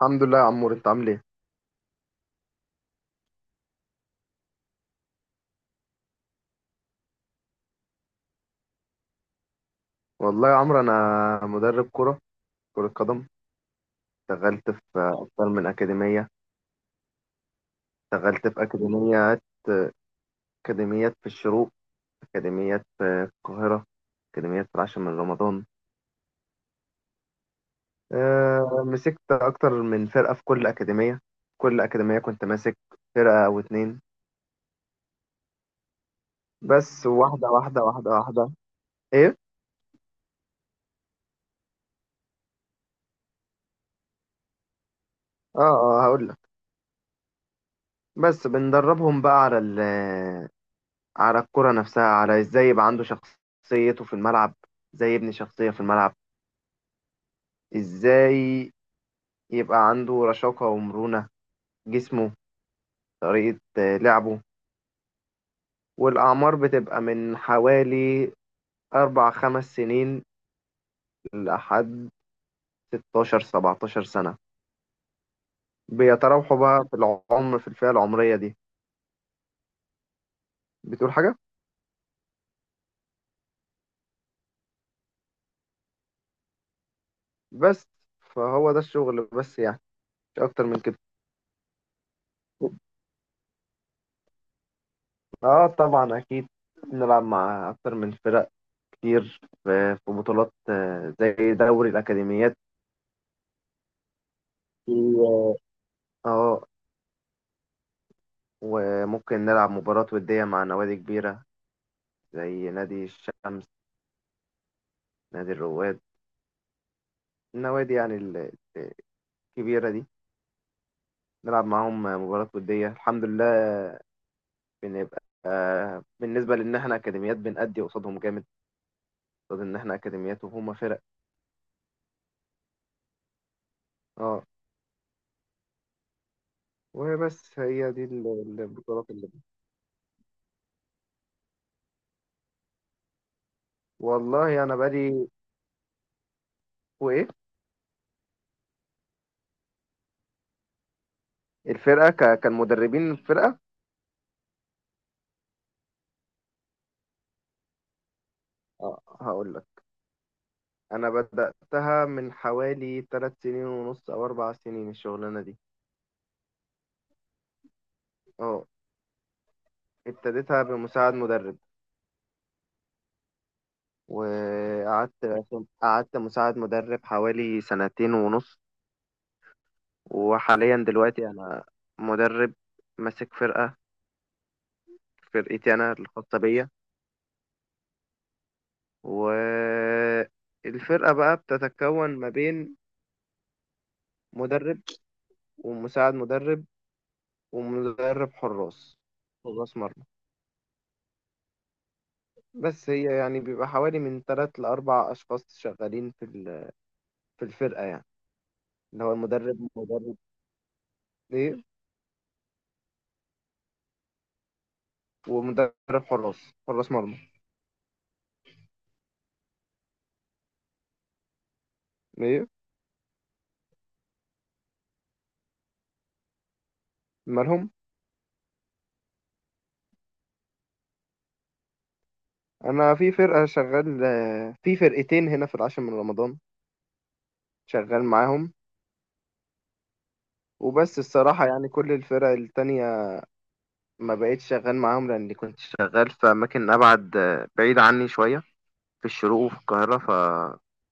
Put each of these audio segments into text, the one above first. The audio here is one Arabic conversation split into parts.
الحمد لله يا عمور، انت عامل ايه؟ والله يا عمرو انا مدرب كرة قدم. اشتغلت في اكتر من اكاديمية. اشتغلت في اكاديميات. اكاديميات في الشروق، اكاديميات في القاهرة، اكاديميات في العاشر من رمضان. اه، مسكت اكتر من فرقة في كل اكاديمية. كل اكاديمية كنت ماسك فرقة او اتنين. بس واحدة واحدة واحدة واحدة. ايه. اه هقول لك. بس بندربهم بقى على الكرة نفسها، على ازاي يبقى عنده شخصيته في الملعب، ازاي يبني شخصية في الملعب، ازاي يبقى عنده رشاقة ومرونة جسمه، طريقة لعبه. والأعمار بتبقى من حوالي أربع خمس سنين لحد 16 17 سنة، بيتراوحوا بقى في العمر في الفئة العمرية دي. بتقول حاجة؟ بس، فهو ده الشغل بس يعني، مش أكتر من كده. اه طبعا أكيد، نلعب مع أكتر من فرق كتير في بطولات، زي دوري الأكاديميات. و- اه وممكن نلعب مباراة ودية مع نوادي كبيرة زي نادي الشمس، نادي الرواد، النوادي يعني الكبيرة دي. نلعب معاهم مباراة ودية الحمد لله. بنبقى بالنسبة لأن احنا أكاديميات بنأدي قصادهم جامد، قصاد إن احنا أكاديميات وهما فرق. اه، وبس هي دي البطولات اللي... والله أنا بقالي... وإيه. الفرقة كان مدربين الفرقة. اه هقول لك. انا بدأتها من حوالي ثلاث سنين ونص او اربع سنين، الشغلانة دي. اه، ابتديتها بمساعد مدرب. وقعدت مساعد مدرب حوالي سنتين ونص. وحاليا دلوقتي انا مدرب، ماسك فرقة، فرقتي انا الخاصة بيا. والفرقة بقى بتتكون ما بين مدرب، ومساعد مدرب، ومدرب حراس مرمى. بس هي يعني بيبقى حوالي من تلات لأربع أشخاص شغالين في الفرقة يعني. اللي هو المدرب إيه، ومدرب حراس مرمى. إيه مالهم؟ أنا في فرقة شغال آه، في فرقتين هنا في العاشر من رمضان، شغال معاهم. وبس الصراحة يعني كل الفرق التانية ما بقيتش شغال معاهم، لأني كنت شغال في أماكن أبعد، بعيد عني شوية، في الشروق وفي القاهرة ف...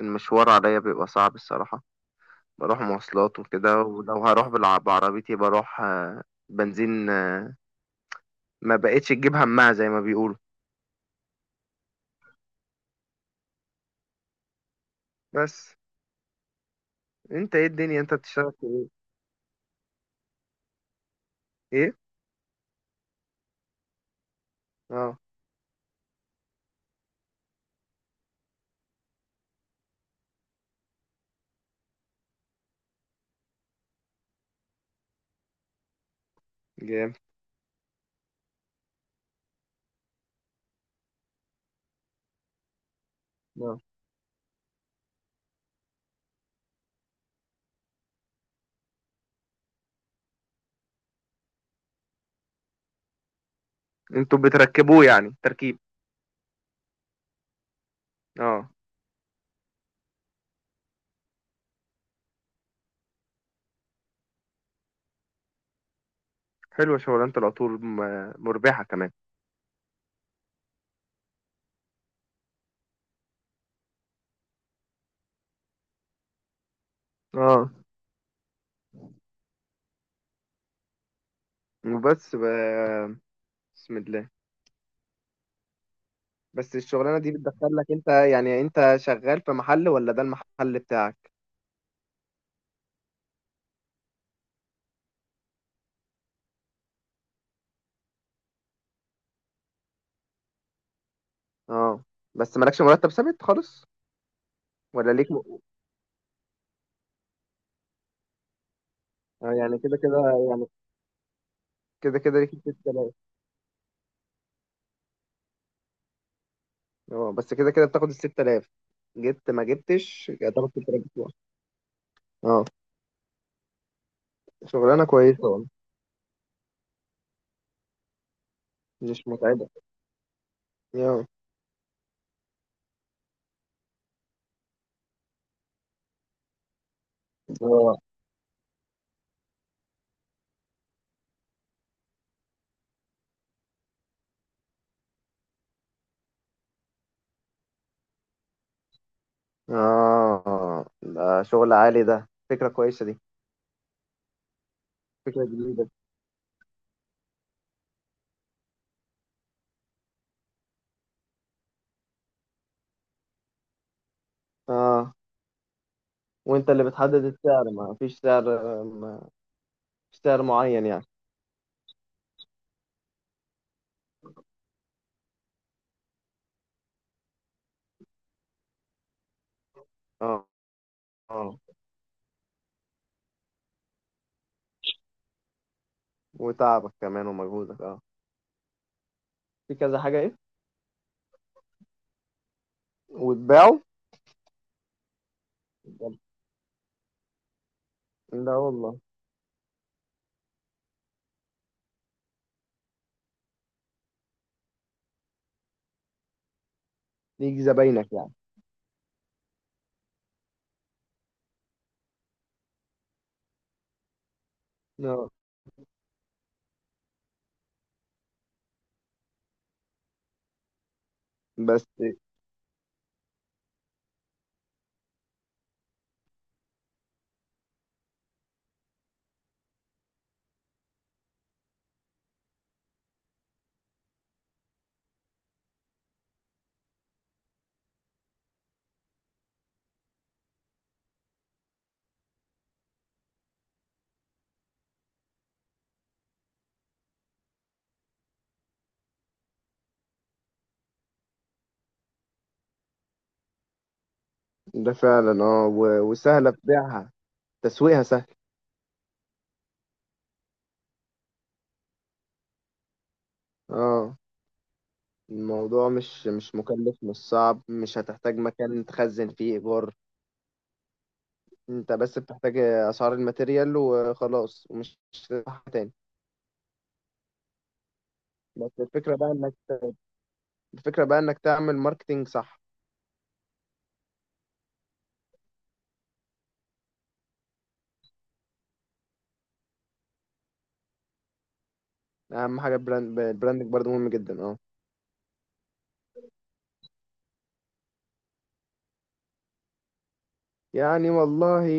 المشوار عليا بيبقى صعب الصراحة. بروح مواصلات وكده، ولو هروح بعربيتي بروح بنزين. ما بقتش تجيب همها زي ما بيقولوا. بس، انت ايه الدنيا انت بتشتغل في ايه؟ ايه. اه جامد. اه. انتوا بتركبوه يعني تركيب؟ اه. حلوة شغلانة العطور، مربحة كمان. اه، وبس بسم الله. بس الشغلانة دي بتدخل لك، انت يعني انت شغال في محل ولا ده المحل بتاعك؟ اه، بس مالكش مرتب ثابت خالص؟ ولا ليك م... آه، يعني كده كده. يعني كده كده ليك 6000. اه، بس كده كده بتاخد ال 6000. جبت ما جبتش هتاخد 6000 بتوع... اه. شغلانه كويسه والله. مش متعبه؟ اه اه. آه. ده شغل عالي، ده فكره كويسه دي، فكره جديده. اه. وانت اللي بتحدد السعر؟ ما فيش سعر معين يعني؟ اه اه. وتعبك كمان ومجهودك، اه. في كذا حاجه ايه؟ وتباعه؟ لا والله. ليك زباينك يعني. اه. بس. ده فعلا، اه. وسهلة في بيعها. تسويقها سهل. اه. الموضوع مش مكلف، مش صعب، مش هتحتاج مكان تخزن فيه ايجار. انت بس بتحتاج اسعار الماتيريال وخلاص، ومش هتدفع حاجة تاني. بس الفكرة بقى انك تعمل ماركتينج صح. اهم حاجة براند براندك برضه مهم جدا، اه. يعني والله،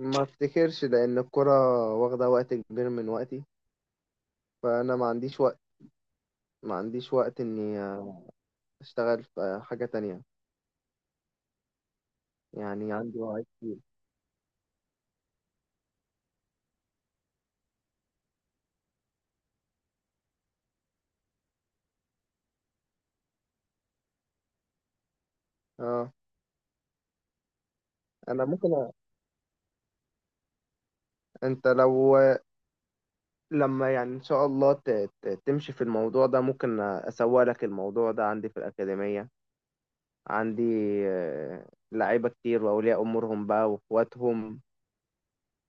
ما افتكرش لان الكرة واخدة وقت كبير من وقتي. فانا ما عنديش وقت اني اشتغل في حاجة تانية. يعني عندي وعي كتير، اه. انا ممكن انت لو لما يعني ان شاء الله تمشي في الموضوع ده، ممكن اسوق لك الموضوع ده عندي في الاكاديميه. عندي آه، لعيبه كتير، واولياء امورهم بقى واخواتهم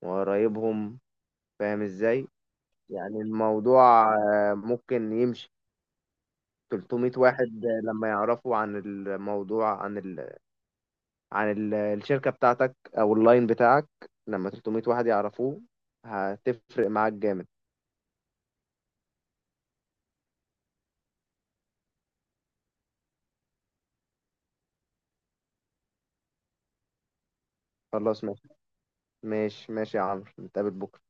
وقرايبهم. فاهم ازاي؟ يعني الموضوع ممكن يمشي. 300 واحد لما يعرفوا عن الموضوع، الشركه بتاعتك او اللاين بتاعك. لما 300 واحد يعرفوه، هتفرق معاك جامد. خلاص ماشي، ماشي ماشي يا عمرو، نتقابل بكرة.